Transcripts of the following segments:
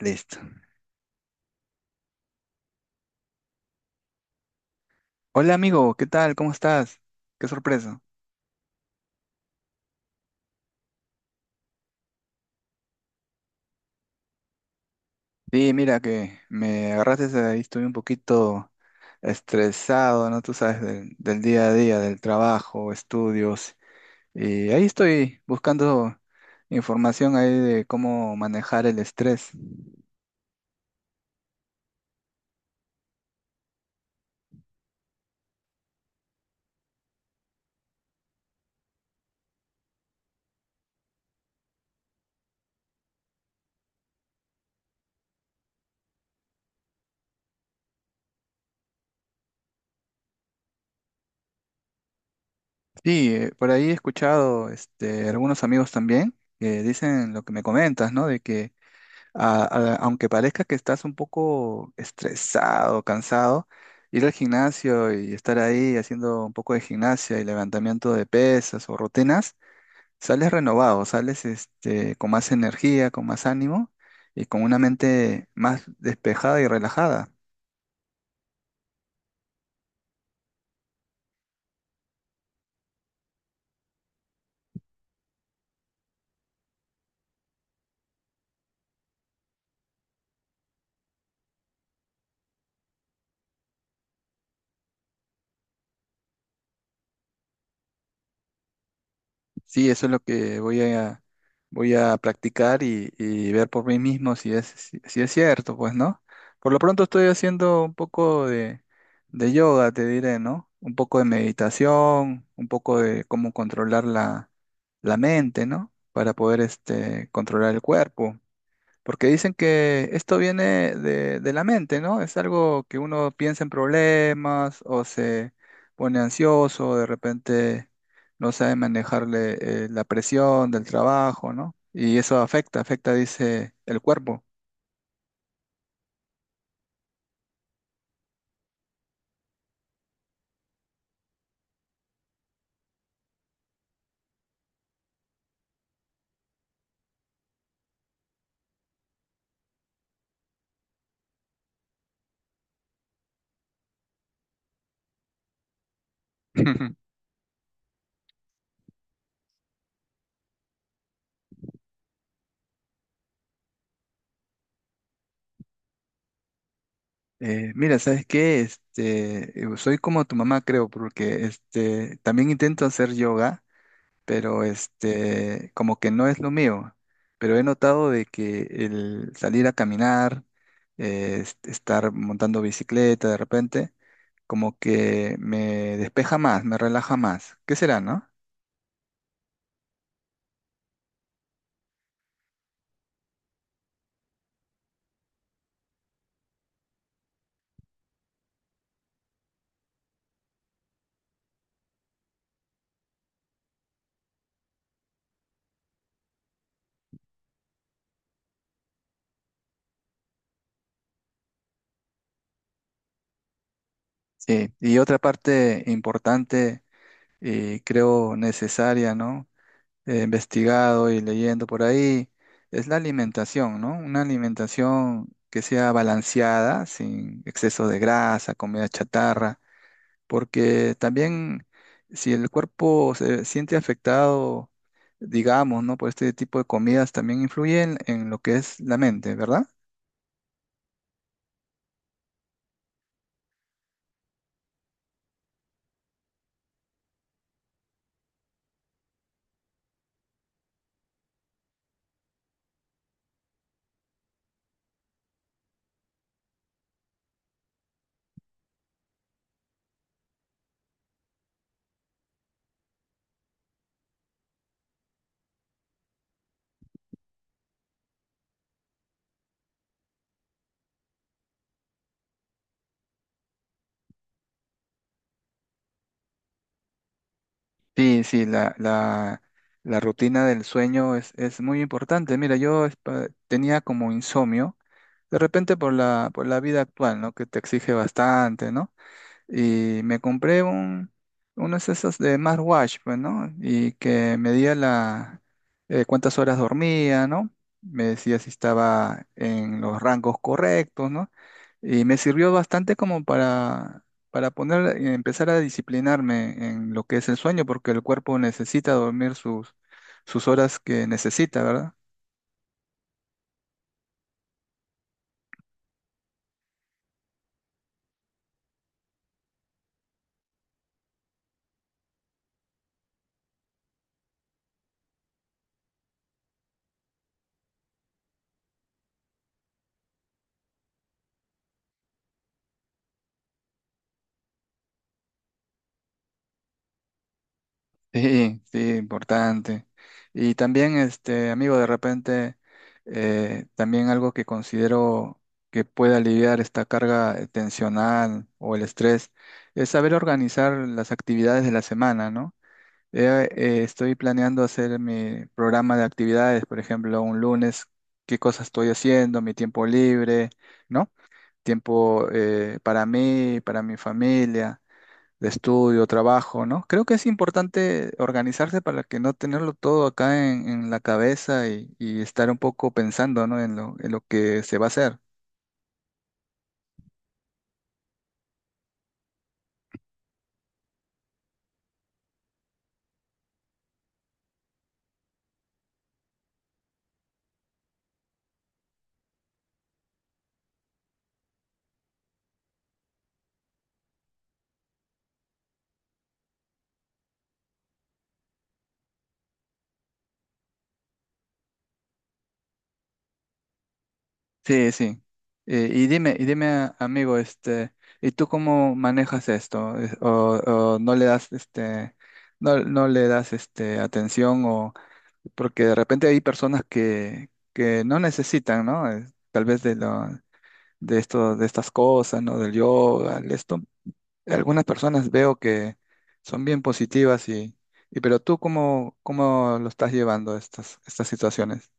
Listo. Hola amigo, ¿qué tal? ¿Cómo estás? Qué sorpresa. Sí, mira que me agarraste ahí, estuve un poquito estresado, ¿no? Tú sabes, del día a día, del trabajo, estudios. Y ahí estoy buscando información ahí de cómo manejar el estrés. Sí, por ahí he escuchado este, algunos amigos también que dicen lo que me comentas, ¿no? De que a- aunque parezca que estás un poco estresado, cansado, ir al gimnasio y estar ahí haciendo un poco de gimnasia y levantamiento de pesas o rutinas, sales renovado, sales este, con más energía, con más ánimo y con una mente más despejada y relajada. Sí, eso es lo que voy a practicar y ver por mí mismo si es, si, si es cierto, pues, ¿no? Por lo pronto estoy haciendo un poco de yoga, te diré, ¿no? Un poco de meditación, un poco de cómo controlar la mente, ¿no? Para poder este, controlar el cuerpo. Porque dicen que esto viene de la mente, ¿no? Es algo que uno piensa en problemas o se pone ansioso, o de repente no sabe manejarle la presión del trabajo, ¿no? Y eso afecta, afecta, dice, el cuerpo. Mira, ¿sabes qué? Este, soy como tu mamá, creo, porque este, también intento hacer yoga pero este, como que no es lo mío. Pero he notado de que el salir a caminar, estar montando bicicleta de repente, como que me despeja más, me relaja más. ¿Qué será, no? Sí, y otra parte importante y creo necesaria, ¿no? He investigado y leyendo por ahí, es la alimentación, ¿no? Una alimentación que sea balanceada, sin exceso de grasa, comida chatarra porque también si el cuerpo se siente afectado, digamos, ¿no? Por este tipo de comidas, también influyen en lo que es la mente, ¿verdad? Sí, sí, la rutina del sueño es muy importante. Mira, tenía como insomnio, de repente por la vida actual, ¿no? Que te exige bastante, ¿no? Y unos esas de smartwatch, pues, ¿no? Y que medía cuántas horas dormía, ¿no? Me decía si estaba en los rangos correctos, ¿no? Y me sirvió bastante como para poner, empezar a disciplinarme en lo que es el sueño, porque el cuerpo necesita dormir sus, sus horas que necesita, ¿verdad? Sí, sí, importante. Y también, este, amigo, de repente, también algo que considero que puede aliviar esta carga tensional o el estrés es saber organizar las actividades de la semana, ¿no? Estoy planeando hacer mi programa de actividades, por ejemplo, un lunes, qué cosas estoy haciendo, mi tiempo libre, ¿no? Tiempo para mí, para mi familia de estudio, trabajo, ¿no? Creo que es importante organizarse para que no tenerlo todo acá en la cabeza y estar un poco pensando, ¿no? En lo que se va a hacer. Sí, sí. Y dime, amigo, este, ¿y tú cómo manejas esto? Es- ¿O, o no le das, este, no le das, este, atención o porque de repente hay personas que no necesitan, ¿no? Tal vez de esto, de estas cosas, ¿no? Del yoga, de esto. Algunas personas veo que son bien positivas y pero tú cómo, cómo lo estás llevando estas, estas situaciones.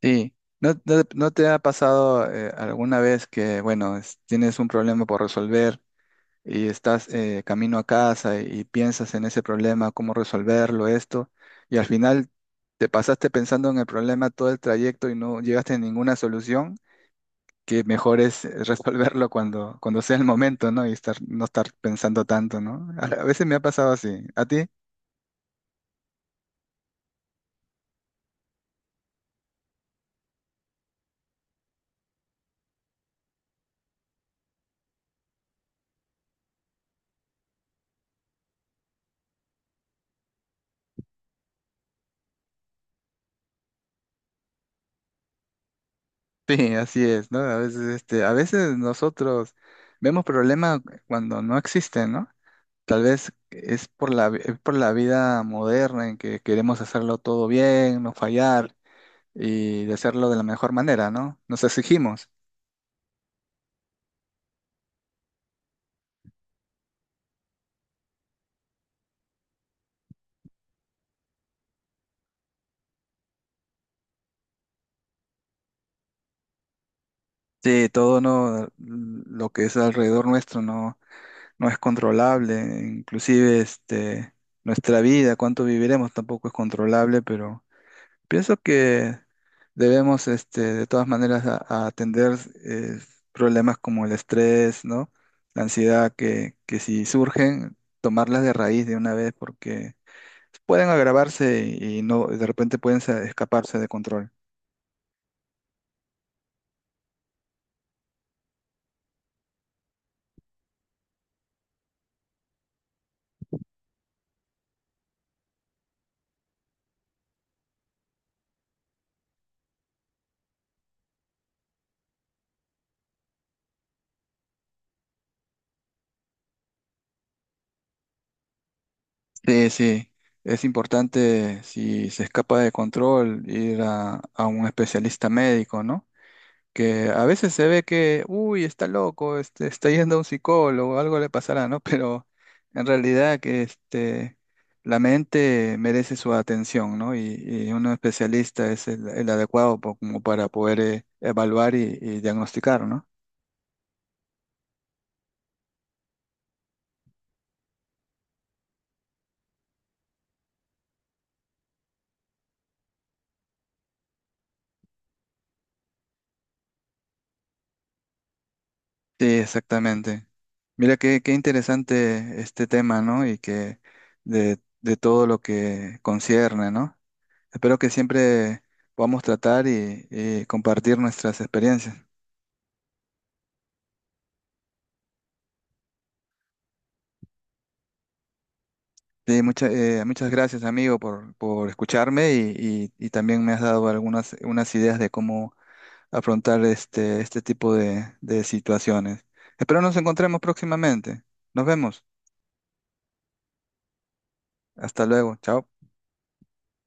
Sí, ¿no, no te ha pasado alguna vez que, bueno, es- tienes un problema por resolver y estás camino a casa y piensas en ese problema, cómo resolverlo, esto, y al final te pasaste pensando en el problema todo el trayecto y no llegaste a ninguna solución? Que mejor es resolverlo cuando, cuando sea el momento, ¿no? Y estar, no estar pensando tanto, ¿no? A veces me ha pasado así. ¿A ti? Sí, así es, ¿no? A veces, este, a veces nosotros vemos problemas cuando no existen, ¿no? Tal vez es por es por la vida moderna en que queremos hacerlo todo bien, no fallar y de hacerlo de la mejor manera, ¿no? Nos exigimos. Sí, todo no, lo que es alrededor nuestro, ¿no? No es controlable, inclusive este, nuestra vida, cuánto viviremos tampoco es controlable, pero pienso que debemos este, de todas maneras a atender eh, problemas como el estrés, ¿no? La ansiedad que si surgen, tomarlas de raíz de una vez porque pueden agravarse y no, de repente pueden escaparse de control. Sí, sí. Es importante, si se escapa de control, ir a un especialista médico, ¿no? Que a veces se ve que, uy, está loco, este, está yendo a un psicólogo, algo le pasará, ¿no? Pero en realidad que este, la mente merece su atención, ¿no? Y un especialista es el adecuado como para poder evaluar y diagnosticar, ¿no? Sí, exactamente. Mira qué, qué interesante este tema, ¿no? Y que de todo lo que concierne, ¿no? Espero que siempre podamos tratar y compartir nuestras experiencias. Sí, muchas gracias, amigo, por escucharme y también me has dado algunas unas ideas de cómo afrontar este, este tipo de situaciones. Espero nos encontremos próximamente. Nos vemos. Hasta luego. Chao.